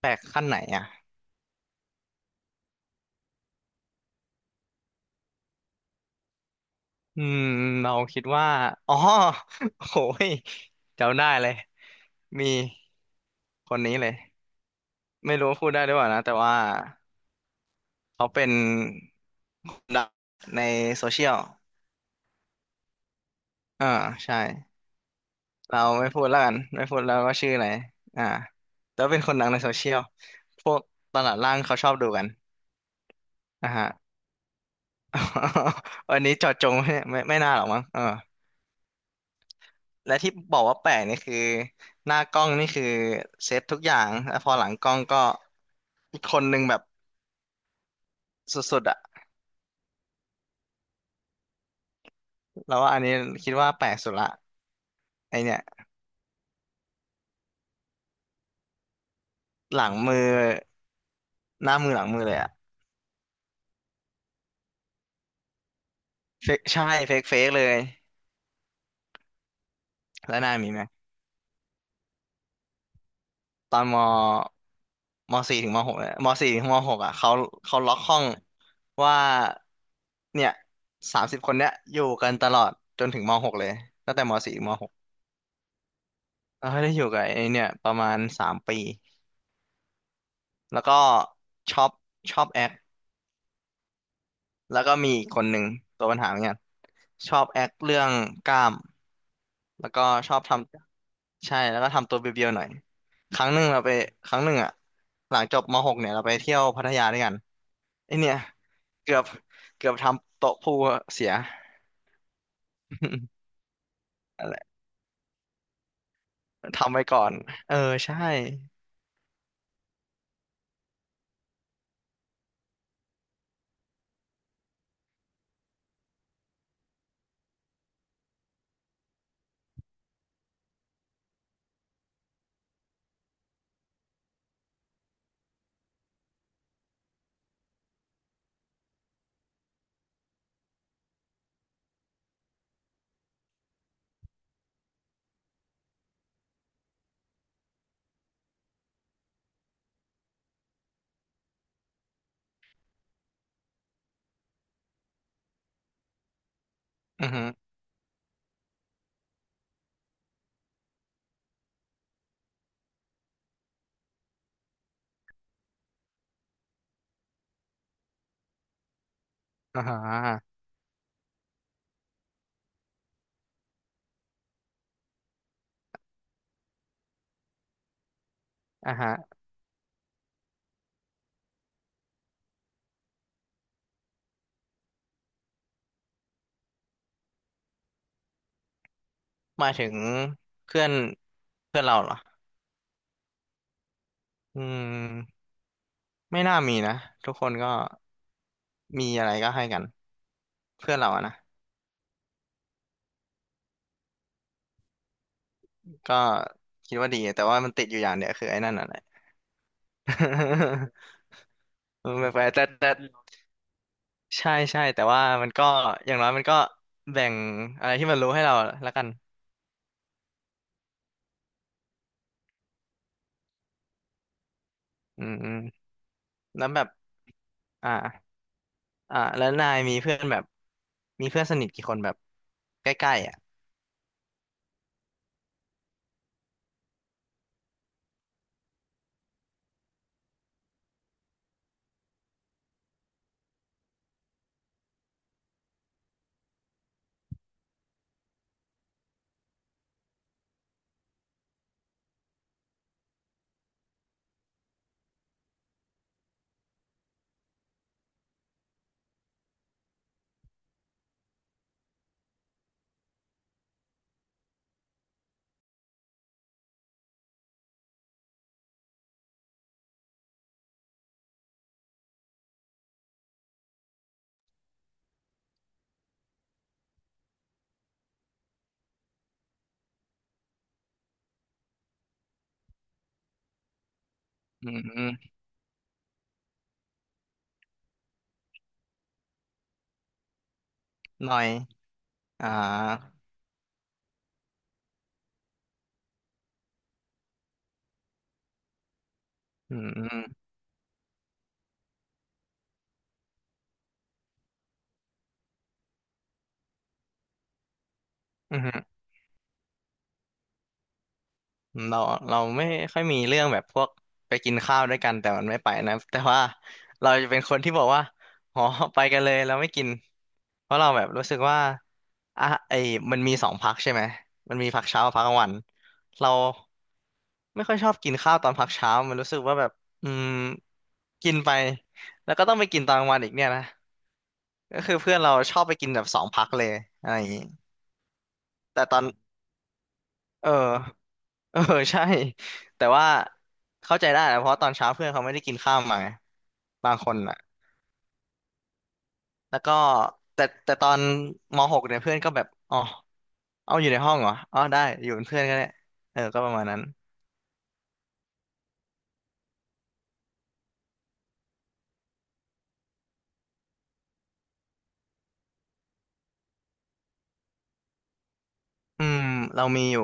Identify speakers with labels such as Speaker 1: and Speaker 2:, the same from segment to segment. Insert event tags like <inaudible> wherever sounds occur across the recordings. Speaker 1: แปลกขั้นไหนอ่ะอืมเราคิดว่าอ๋อโหยจำได้เลย มีคนนี้เลย ไม่รู้ว่าพูดได้หรือเปล่านะ แต่ว่าเขาเป็นดังในโซเชียลอ่าใช่ เราไม่พูดแล้วกัน ไม่พูดแล้วว่าชื่ออะไร อ่าแต่ว่าเป็นคนดังในโซเชียลพวกตลาดล่างเขาชอบดูกันนะฮะ <laughs> วันนี้เจาะจงไม่น่าหรอกมั้งเออ และที่บอกว่าแปลกนี่คือหน้ากล้องนี่คือเซตทุกอย่างแล้วพอหลังกล้องก็อีกคนนึงแบบสุดๆอะแล้วว่าอันนี้คิดว่าแปลกสุดละไอเนี่ยหลังมือหน้ามือหลังมือเลยอะเฟกใช่เฟกเฟกเลยแล้วนายมีไหมตอนมมสี่ถึงมหกเนี่ยมสี่ถึงมหกอะเขาล็อกห้องว่าเนี่ยสามสิบคนเนี้ยอยู่กันตลอดจนถึงมหกเลยตั้งแต่มสี่ถึงมหกแล้วได้อยู่กับไอเนี่ยประมาณสามปี แล้วก็ชอบชอบแอคแล้วก็มีอีกคนหนึ่งตัวปัญหาเหมือนกันชอบแอคเรื่องกล้ามแล้วก็ชอบทำใช่แล้วก็ทำตัวเบียวๆหน่อยครั้งหนึ่งเราไปครั้งหนึ่งอะหลังจบมหกเนี่ยเราไปเที่ยวพัทยาด้วยกันไอเนี่ยเกือบเกือบทำโต๊ะพูลเสีย <laughs> อะไรทำไว้ก่อนเออใช่อือฮึอ่าฮะอ่าฮะหมายถึงเพื่อนเพื่อนเราเหรออืมไม่น่ามีนะทุกคนก็ มีอะไรก็ให้กันเพื่อนเราอะนะก็คิดว่าดีแต่ว่ามันติดอยู่อย่างเดียวคือไอ้นั่นน่ะแหละ <laughs> มันแบบแต่ใช่ใช่แต่ว่ามันก็อย่างน้อยมันก็แบ่งอะไรที่มันรู้ให้เราแล้วกันอืมอืมแล้วแบบอ่าแล้วนายมีเพื่อนแบบมีเพื่อนสนิทกี่คนแบบใกล้ๆอ่ะอืมอืมหน่อยอ่าอืมอืมอืม เราไม่ค่อยมีเรื่องแบบพวกไปกินข้าวด้วยกันแต่มันไม่ไปนะ <laughs> แต่ว่าเราจะเป็นคนที่บอกว่าอ๋อไปกันเลยเราไม่กินเพราะเราแบบรู้สึกว่าอ่ะไอ้มันมีสองพักใช่ไหมมันมีพักเช้ากับพักกลางวันเราไม่ค่อยชอบกินข้าวตอนพักเช้ามันรู้สึกว่าแบบอืมกินไปแล้วก็ต้องไปกินตอนกลางวันอีกเนี่ยนะก็คือเพื่อนเราชอบไปกินแบบสองพักเลยอะไรอย่างงี้แต่ตอนเออ เออใช่แต่ว่าเข้าใจได้นะเพราะตอนเช้าเพื่อนเขาไม่ได้กินข้าวมาไงบางคนอ่ะแล้วก็แต่ตอนม .6 เนี่ยเพื่อนก็แบบอ๋อเอาอยู่ในห้องเหรออ๋อได้อยู่เป็นเพื่อนก็ได้เออก็ประมาณนั้นอืมเรามีอยู่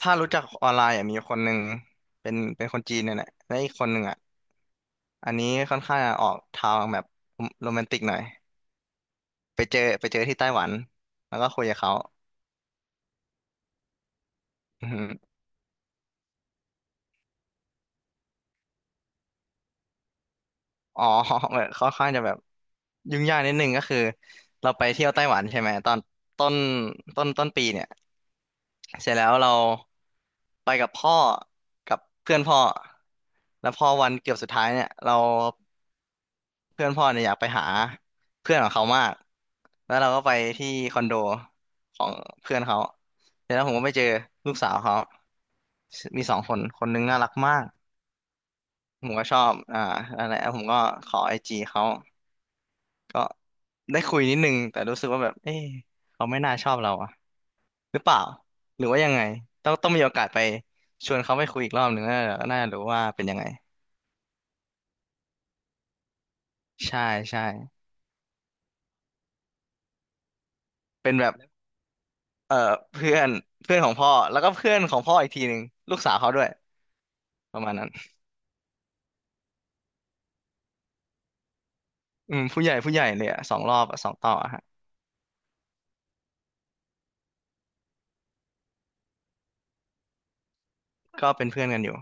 Speaker 1: ถ้ารู้จักออนไลน์อ่ะมีคนหนึ่งเป็นคนจีนเนี่ยแหละและอีกคนหนึ่งอ่ะอันนี้ค่อนข้างจะออกทางแบบโรแมนติกหน่อยไปเจอที่ไต้หวันแล้วก็คุยกับเขา อ๋อ <laughs> เหมือนค่อนข้างจะแบบยุ่งยากนิดนึงก็คือเราไปเที่ยวไต้หวันใช่ไหมตอนต้นต้นปีเนี่ยเสร็จแล้วเราไปกับพ่อกับเพื่อนพ่อแล้วพอวันเกือบสุดท้ายเนี่ยเราเพื่อนพ่อเนี่ยอยากไปหาเพื่อนของเขามากแล้วเราก็ไปที่คอนโดของเพื่อนเขาเสร็จแล้วผมก็ไปเจอลูกสาวเขามีสองคนคนหนึงน่ารักมากผมก็ชอบอะไรและผมก็ขอไอจีเขา ก็ได้คุยนิดนึงแต่รู้สึกว่าแบบเอ๊ะเขาไม่น่าชอบเราอะหรือเปล่าหรือว่ายังไงต้องมีโอกาสไปชวนเขาไปคุยอีกรอบหนึ่งน่ารู้ว่าเป็นยังไงใช่ใช่เป็นแบบเอ่อเพื่อนเพื่อนของพ่อแล้วก็เพื่อนของพ่ออีกทีหนึ่งลูกสาวเขาด้วยประมาณนั้นอืมผู้ใหญ่ผู้ใหญ่เลยอะสองรอบอะสองต่ออะฮะก็เป็นเพื่อนกันอยู่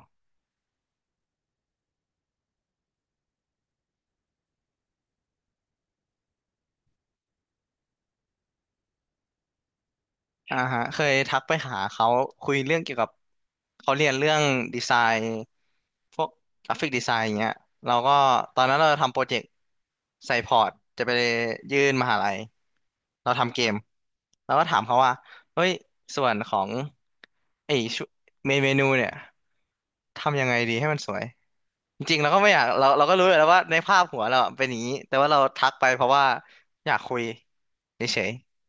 Speaker 1: อ่าฮะเคยทักไปหาเขาคุยเรื่องเกี่ยวกับเขาเรียนเรื่องดีไซน์พวกกราฟิกดีไซน์อย่างเงี้ยเราก็ตอนนั้นเราทำโปรเจกต์ใส่พอร์ตจะไปยื่นมหาลัยเราทำเกมแล้วก็ถามเขาว่าเฮ้ยส่วนของไอ้ชุเมนูเนี่ยทำยังไงดีให้มันสวยจริงๆเราก็ไม่อยากเราก็รู้อยู่แล้วว่าในภาพหัวเราอะเป็นอย่างนี้แต่ว่าเราทักไปเพราะว่าอยากคุยเฉยๆ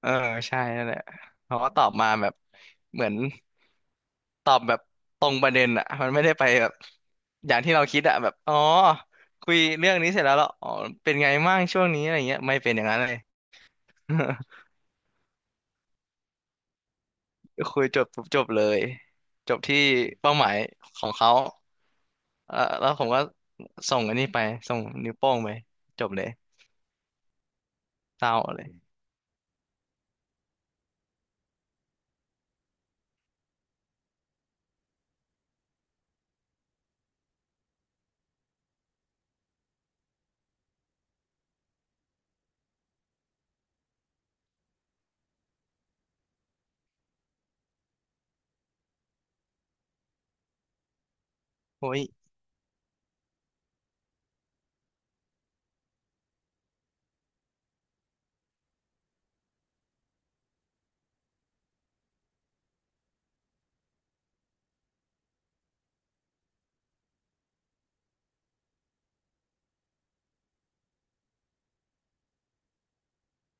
Speaker 1: เออใช่นั่นแหละเขาก็ตอบมาแบบเหมือนตอบแบบตรงประเด็นอ่ะมันไม่ได้ไปแบบอย่างที่เราคิดอ่ะแบบอ๋อคุยเรื่องนี้เสร็จแล้วเหรออ๋อเป็นไงมั่งช่วงนี้อะไรเงี้ยไม่เป็นอย่างนั้นเลย <laughs> คุยจบปุ๊บจบเลยจบที่เป้าหมายของเขาเออแล้วผมก็ส่งอันนี้ไปส่งนิ้วโป้งไปจบเลยเศร้าเลยโอ้ย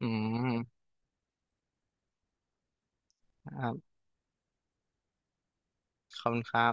Speaker 1: อืมครับขอบคุณครับ